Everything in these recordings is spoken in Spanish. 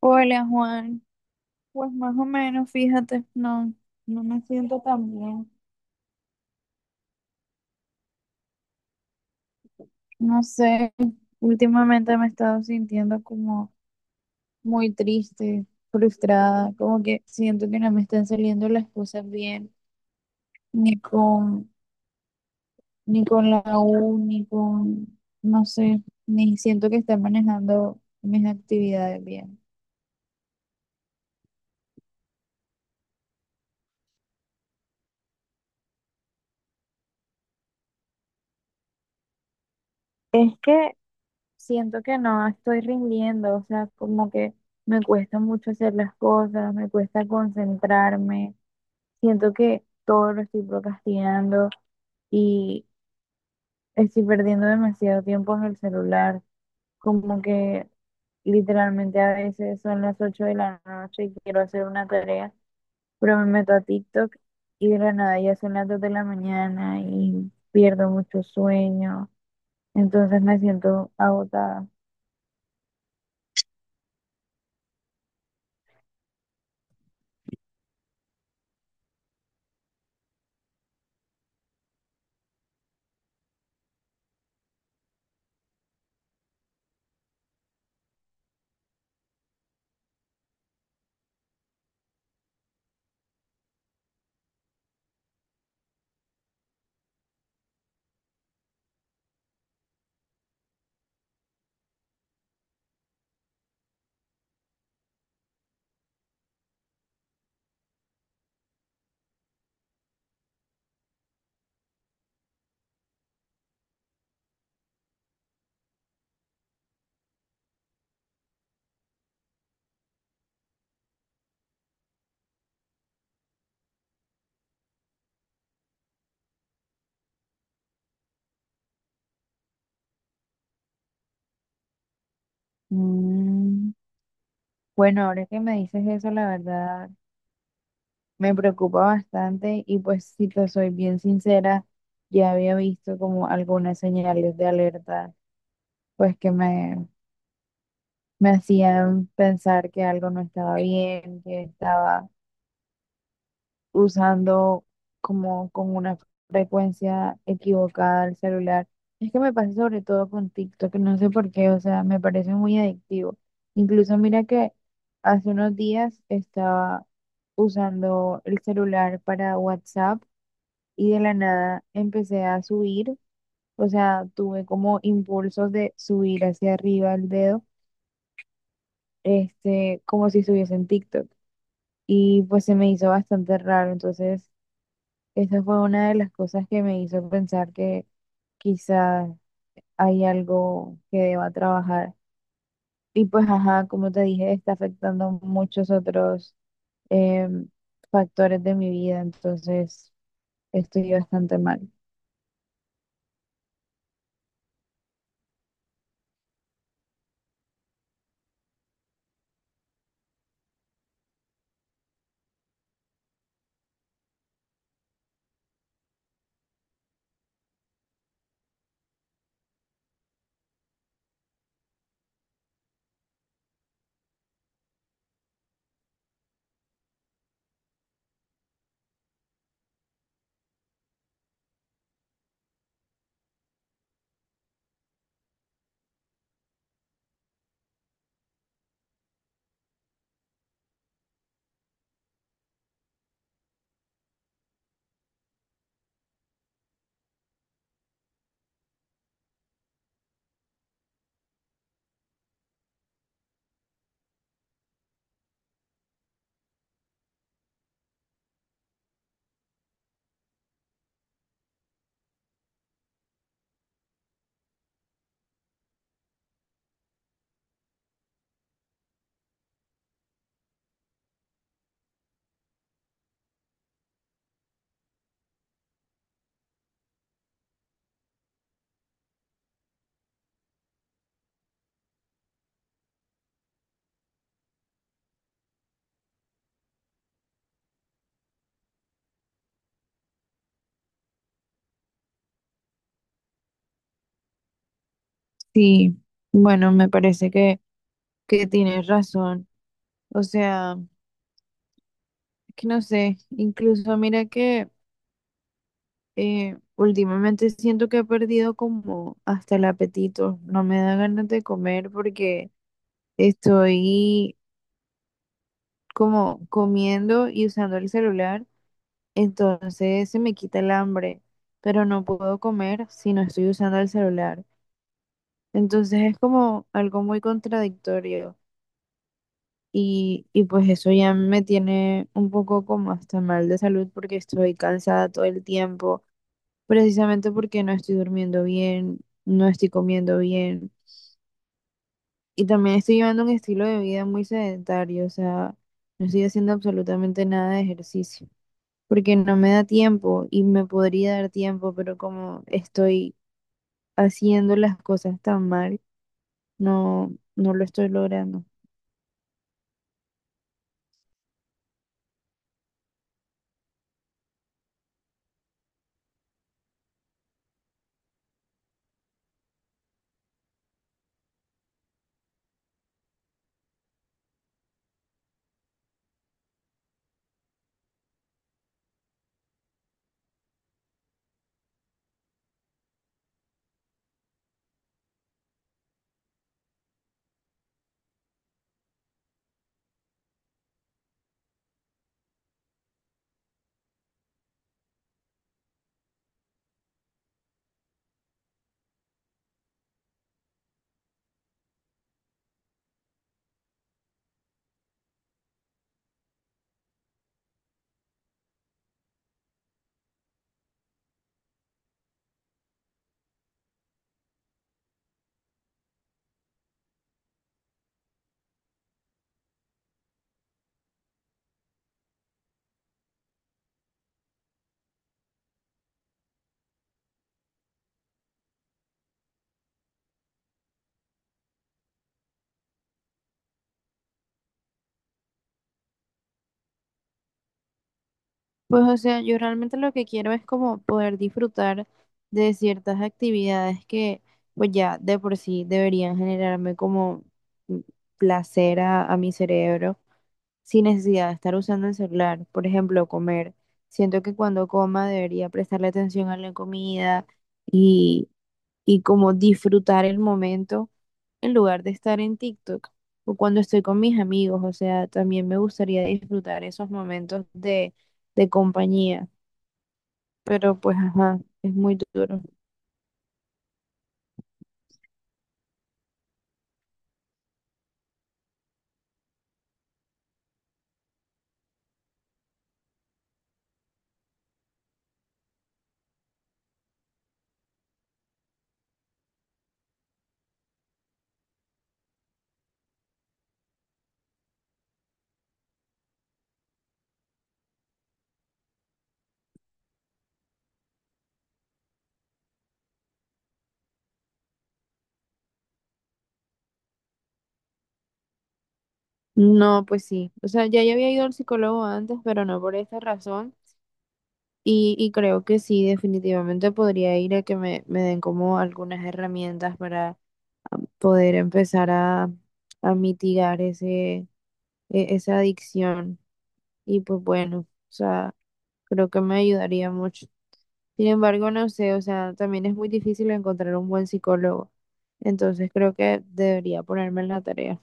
Hola Juan, pues más o menos, fíjate, no, no me siento tan bien. No sé, últimamente me he estado sintiendo como muy triste, frustrada, como que siento que no me están saliendo las cosas bien, ni con, ni con la U, ni con, no sé, ni siento que esté manejando mis actividades bien. Es que siento que no estoy rindiendo, o sea, como que me cuesta mucho hacer las cosas, me cuesta concentrarme, siento que todo lo estoy procrastinando y estoy perdiendo demasiado tiempo en el celular, como que literalmente a veces son las 8 de la noche y quiero hacer una tarea, pero me meto a TikTok y de la nada ya son las 2 de la mañana y pierdo mucho sueño, entonces me siento agotada. Mm. Bueno, ahora que me dices eso, la verdad me preocupa bastante y pues si te soy bien sincera, ya había visto como algunas señales de alerta, pues que me, me hacían pensar que algo no estaba bien, que estaba usando como con una frecuencia equivocada el celular. Es que me pasa sobre todo con TikTok, no sé por qué, o sea, me parece muy adictivo. Incluso mira que hace unos días estaba usando el celular para WhatsApp y de la nada empecé a subir, o sea, tuve como impulsos de subir hacia arriba el dedo, como si estuviese en TikTok. Y pues se me hizo bastante raro, entonces esa fue una de las cosas que me hizo pensar que quizás hay algo que deba trabajar. Y pues, ajá, como te dije, está afectando muchos otros em, factores de mi vida, entonces estoy bastante mal. Sí, bueno, que tienes razón. O sea, que no sé, incluso mira que últimamente siento que he perdido como hasta el apetito. No me da ganas de comer porque estoy como comiendo y usando el celular, entonces se me quita el hambre, pero no puedo comer si no estoy usando el celular. Entonces es como algo muy contradictorio y pues eso ya me tiene un poco como hasta mal de salud porque estoy cansada todo el tiempo, precisamente porque no estoy durmiendo bien, no estoy comiendo bien y también estoy llevando un estilo de vida muy sedentario, o sea, no estoy haciendo absolutamente nada de ejercicio, porque no me da tiempo y me podría dar tiempo, pero como estoy haciendo las cosas tan mal, no lo estoy logrando. Pues o sea, yo realmente lo que quiero es como poder disfrutar de ciertas actividades que pues ya de por sí deberían generarme como mm, placer a mi cerebro sin necesidad de estar usando el celular. Por ejemplo, comer. Siento que cuando coma debería prestarle atención a la comida y y como disfrutar el momento en lugar de estar en TikTok o cuando estoy con mis amigos. O sea, también me gustaría disfrutar esos momentos de compañía, pero pues ajá, es muy duro. No, pues sí. O sea, ya yo había ido al psicólogo antes, pero no por esta razón. Y creo que sí, definitivamente podría ir a que me den como algunas herramientas para poder empezar a mitigar esa adicción. Y pues bueno, o sea, creo que me ayudaría mucho. Sin embargo, no sé, o sea, también es muy difícil encontrar un buen psicólogo. Entonces creo que debería ponerme en la tarea.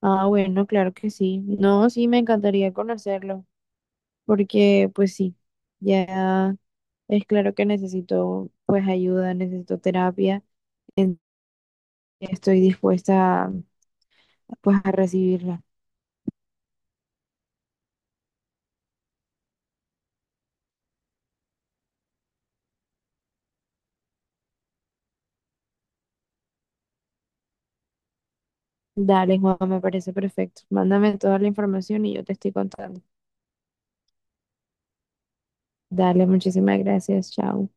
Ah, bueno, claro que sí. No, sí, me encantaría conocerlo, porque pues sí, ya es claro que necesito pues ayuda, necesito terapia. en- Estoy dispuesta a, pues a recibirla. Dale, Juan, me parece perfecto. Mándame toda la información y yo te estoy contando. Dale, muchísimas gracias. Chao.